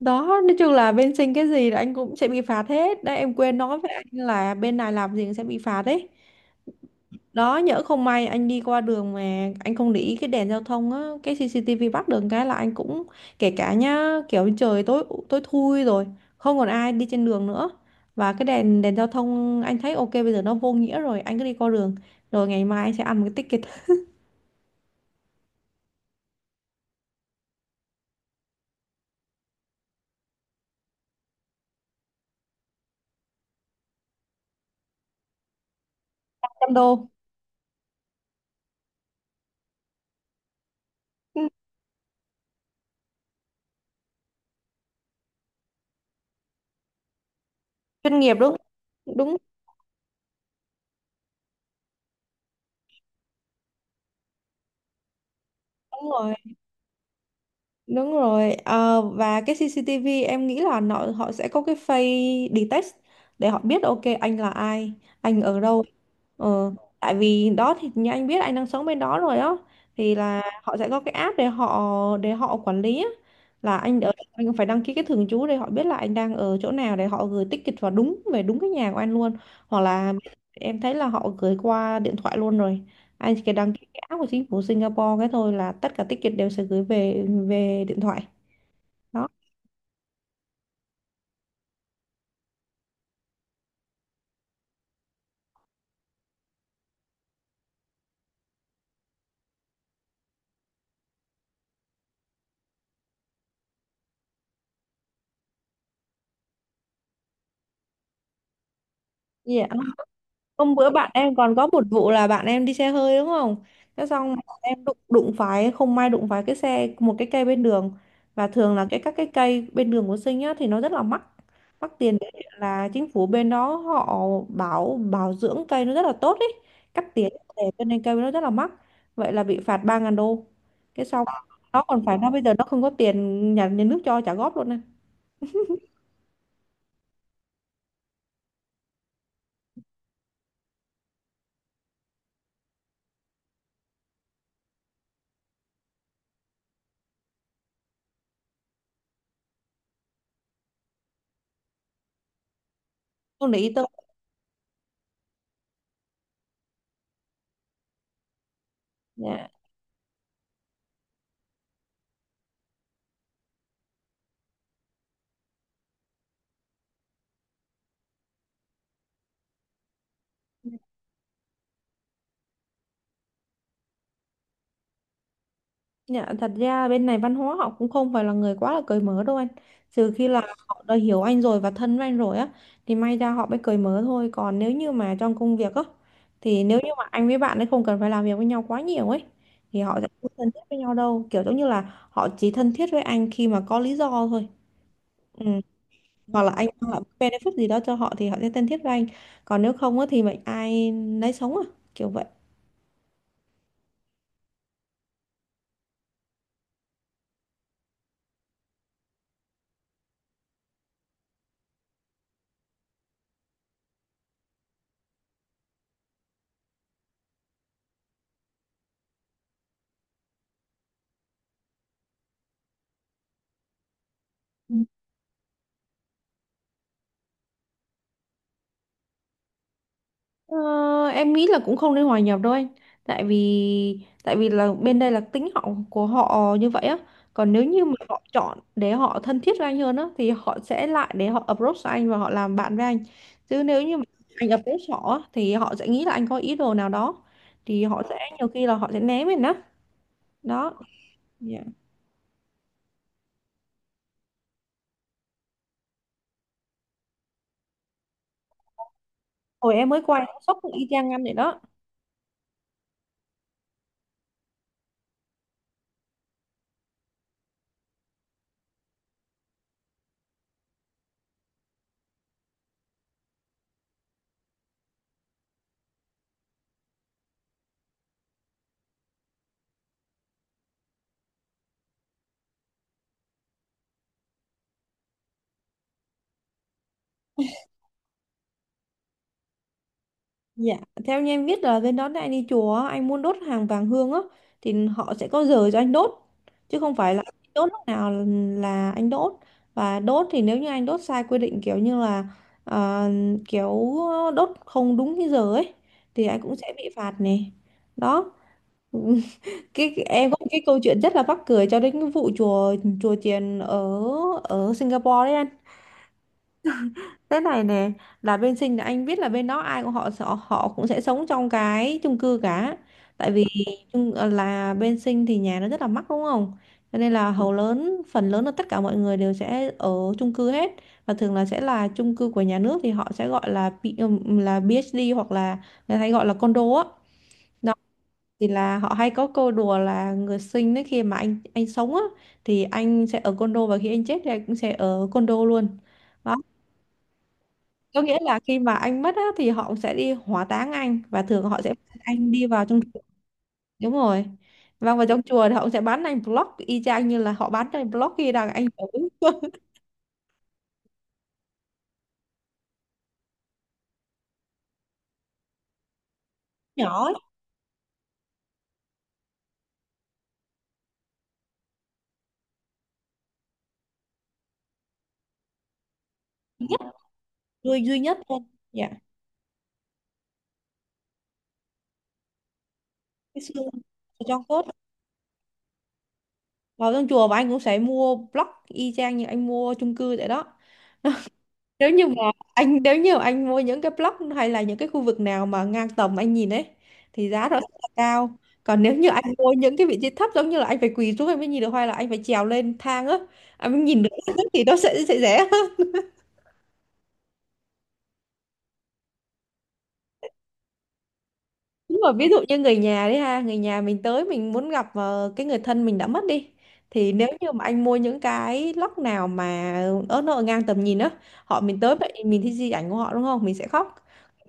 Đó, nói chung là bên Sinh cái gì là anh cũng sẽ bị phạt hết đấy. Em quên nói với anh là bên này làm gì cũng sẽ bị phạt đấy đó. Nhỡ không may anh đi qua đường mà anh không để ý cái đèn giao thông á, cái CCTV bắt được cái là anh cũng kể cả nhá, kiểu trời tối tối thui rồi, không còn ai đi trên đường nữa và cái đèn đèn giao thông anh thấy ok bây giờ nó vô nghĩa rồi, anh cứ đi qua đường rồi ngày mai anh sẽ ăn một cái ticket trăm đô. Ừ, chuyên nghiệp đúng. Đúng. Đúng rồi. Đúng rồi, và cái CCTV em nghĩ là nó, họ sẽ có cái face detect để họ biết ok anh là ai, anh ở đâu. Ờ, tại vì đó thì như anh biết anh đang sống bên đó rồi á, thì là họ sẽ có cái app để họ quản lý á, là anh ở anh phải đăng ký cái thường trú để họ biết là anh đang ở chỗ nào để họ gửi ticket vào đúng, về đúng cái nhà của anh luôn. Hoặc là em thấy là họ gửi qua điện thoại luôn rồi, anh chỉ cần đăng ký cái app của chính phủ Singapore cái thôi là tất cả ticket đều sẽ gửi về về điện thoại đó. Yeah. Hôm bữa bạn em còn có một vụ là bạn em đi xe hơi đúng không? Thế xong bạn em đụng đụng phải không may đụng phải cái xe một cái cây bên đường. Và thường là các cái cây bên đường của Sinh á thì nó rất là mắc, mắc tiền đấy, là chính phủ bên đó họ bảo bảo dưỡng cây nó rất là tốt ấy, cắt tỉa để cho nên cây nó rất là mắc. Vậy là bị phạt 3.000 đô. Cái xong nó còn phải, nó bây giờ nó không có tiền nhà, nhà nước cho trả góp luôn này. Không để ý tới. Dạ. Dạ, thật ra bên này văn hóa họ cũng không phải là người quá là cởi mở đâu anh. Trừ khi là, dạ, họ đã hiểu anh rồi và thân với anh rồi á, thì may ra họ mới cởi mở thôi. Còn nếu như mà trong công việc á, thì nếu như mà anh với bạn ấy không cần phải làm việc với nhau quá nhiều ấy, thì họ sẽ không thân thiết với nhau đâu. Kiểu giống như là họ chỉ thân thiết với anh khi mà có lý do thôi. Ừ. Hoặc là anh mang lại benefit gì đó cho họ thì họ sẽ thân thiết với anh. Còn nếu không á, thì mệnh ai nấy sống à, kiểu vậy. Ờ, em nghĩ là cũng không nên hòa nhập đâu anh, tại vì là bên đây là tính họ của họ như vậy á. Còn nếu như mà họ chọn để họ thân thiết với anh hơn á thì họ sẽ lại để họ approach anh và họ làm bạn với anh. Chứ nếu như mà anh approach họ á, thì họ sẽ nghĩ là anh có ý đồ nào đó, thì họ sẽ nhiều khi là họ sẽ né mình á. Đó. Dạ. Hồi em mới qua em cũng sốc y chang anh vậy đó. Dạ, theo như em biết là bên đó anh đi chùa á, anh muốn đốt hàng vàng hương á, thì họ sẽ có giờ cho anh đốt, chứ không phải là anh đốt lúc nào là anh đốt. Và đốt thì nếu như anh đốt sai quy định kiểu như là ờ, kiểu đốt không đúng cái giờ ấy, thì anh cũng sẽ bị phạt này. Đó. Em có một cái câu chuyện rất là mắc cười cho đến cái vụ chùa, chùa chiền ở ở Singapore đấy anh. Thế này nè, là bên Sinh là anh biết là bên đó ai của họ họ họ cũng sẽ sống trong cái chung cư cả. Tại vì là bên Sinh thì nhà nó rất là mắc đúng không? Cho nên là hầu lớn phần lớn là tất cả mọi người đều sẽ ở chung cư hết. Và thường là sẽ là chung cư của nhà nước thì họ sẽ gọi là là PhD, hoặc là người ta hay gọi là condo á. Đó, thì là họ hay có câu đùa là người Sinh đấy, khi mà anh sống á thì anh sẽ ở condo, và khi anh chết thì anh cũng sẽ ở condo luôn. Đó, có nghĩa là khi mà anh mất á, thì họ sẽ đi hỏa táng anh và thường họ sẽ bắt anh đi vào trong chùa. Đúng rồi. Vâng, vào trong chùa thì họ sẽ bán anh block y chang như là họ bán cho anh blog khi đang anh ở. Nhỏ. Duy nhất. Duy duy nhất thôi. Dạ. Cái xương ở trong cốt, vào trong chùa, và anh cũng sẽ mua block y chang như anh mua chung cư vậy đó. Nếu như mà nếu như anh mua những cái block hay là những cái khu vực nào mà ngang tầm anh nhìn ấy, thì giá nó sẽ là cao. Còn nếu như anh mua những cái vị trí thấp giống như là anh phải quỳ xuống anh mới nhìn được, hay là anh phải trèo lên thang á anh mới nhìn được thì nó sẽ rẻ. Đúng rồi, ví dụ như người nhà đấy ha, người nhà mình tới mình muốn gặp ờ, cái người thân mình đã mất đi. Thì nếu như mà anh mua những cái lóc nào mà ớt nó ở ngang tầm nhìn á, họ mình tới vậy mình thấy di ảnh của họ đúng không? Mình sẽ khóc.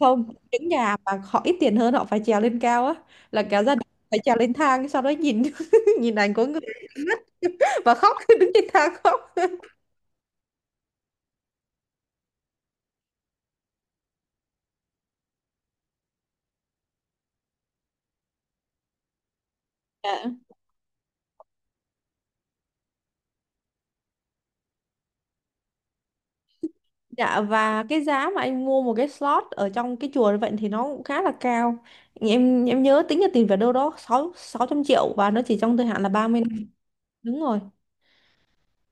Không, những nhà mà họ ít tiền hơn họ phải trèo lên cao á, là cả gia đình phải trèo lên thang sau đó nhìn nhìn ảnh của người và khóc. Đứng trên thang khóc. Dạ, và cái giá mà anh mua một cái slot ở trong cái chùa như vậy thì nó cũng khá là cao. Em nhớ tính ra tiền về đâu đó sáu 600 triệu, và nó chỉ trong thời hạn là 30 năm. Đúng rồi.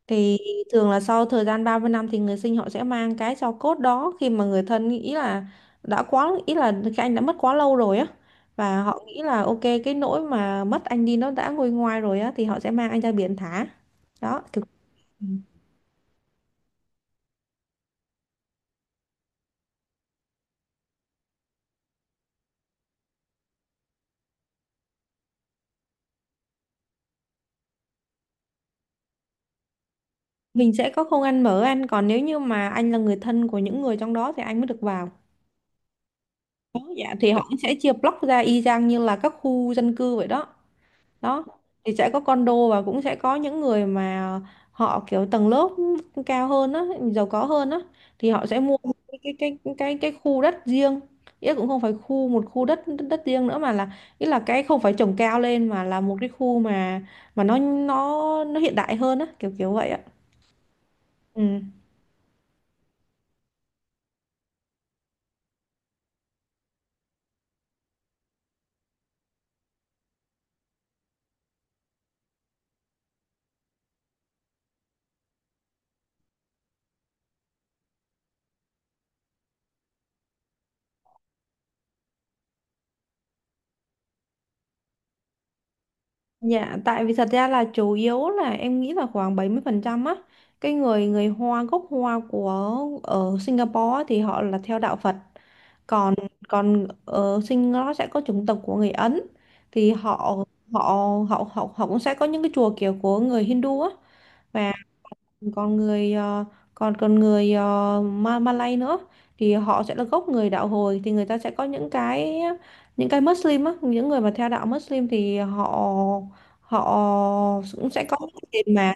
Thì thường là sau thời gian 30 năm thì người Sinh họ sẽ mang cái tro cốt đó, khi mà người thân nghĩ là đã quá, ý là cái anh đã mất quá lâu rồi á, và họ nghĩ là ok cái nỗi mà mất anh đi nó đã nguôi ngoai rồi á, thì họ sẽ mang anh ra biển thả. Đó, kiểu mình sẽ có không ăn mở anh, còn nếu như mà anh là người thân của những người trong đó thì anh mới được vào. Dạ, thì họ cũng sẽ chia block ra y chang như là các khu dân cư vậy đó. Đó, thì sẽ có condo và cũng sẽ có những người mà họ kiểu tầng lớp cao hơn á, giàu có hơn á, thì họ sẽ mua cái cái cái khu đất riêng, ý là cũng không phải khu đất, đất riêng nữa, mà là ý là cái không phải trồng cao lên, mà là một cái khu mà nó hiện đại hơn á, kiểu kiểu vậy ạ. Ừ. Dạ, tại vì thật ra là chủ yếu là em nghĩ là khoảng 70% á, cái người người Hoa, gốc Hoa của ở Singapore á, thì họ là theo đạo Phật. Còn còn ở Singapore sẽ có chủng tộc của người Ấn, thì họ họ họ họ họ cũng sẽ có những cái chùa kiểu của người Hindu á. Và còn còn người Malay nữa, thì họ sẽ là gốc người đạo Hồi, thì người ta sẽ có những cái, những cái Muslim á, những người mà theo đạo Muslim thì họ, họ cũng sẽ có cái tiền mà.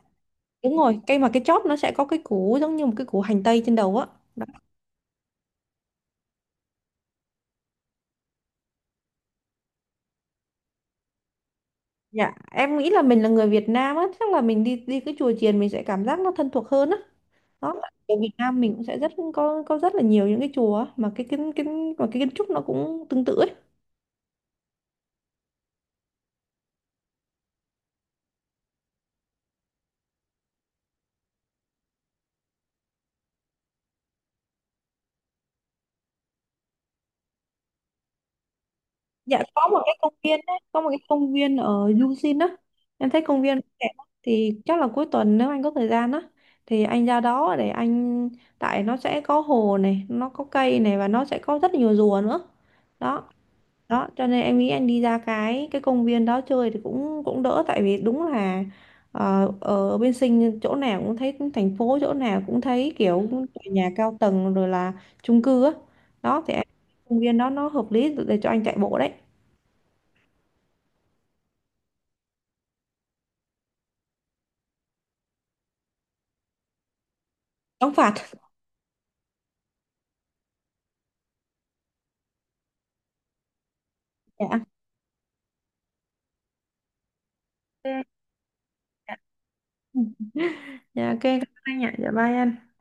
Đúng rồi, cái mà cái chóp nó sẽ có cái củ giống như một cái củ hành tây trên đầu á. Đó. Dạ em nghĩ là mình là người Việt Nam á, chắc là mình đi đi cái chùa chiền mình sẽ cảm giác nó thân thuộc hơn á. Đó, ở Việt Nam mình cũng sẽ rất có rất là nhiều những cái chùa á, mà cái kiến kiến mà cái kiến trúc nó cũng tương tự ấy. Dạ có một cái công viên đấy, có một cái công viên ở Yuzin á. Em thấy công viên đẹp lắm. Thì chắc là cuối tuần nếu anh có thời gian á thì anh ra đó để anh, tại nó sẽ có hồ này, nó có cây này, và nó sẽ có rất nhiều rùa nữa. Đó, đó cho nên em nghĩ anh đi ra cái công viên đó chơi thì cũng cũng đỡ, tại vì đúng là ở bên Sinh chỗ nào cũng thấy thành phố, chỗ nào cũng thấy kiểu tòa nhà cao tầng rồi là chung cư á. Đó thì em- công viên đó nó hợp lý để cho anh chạy bộ đấy. Đóng phạt. Dạ. Ok. Dạ. Ừ. Dạ, ok, cảm ơn anh ạ. Dạ bye anh.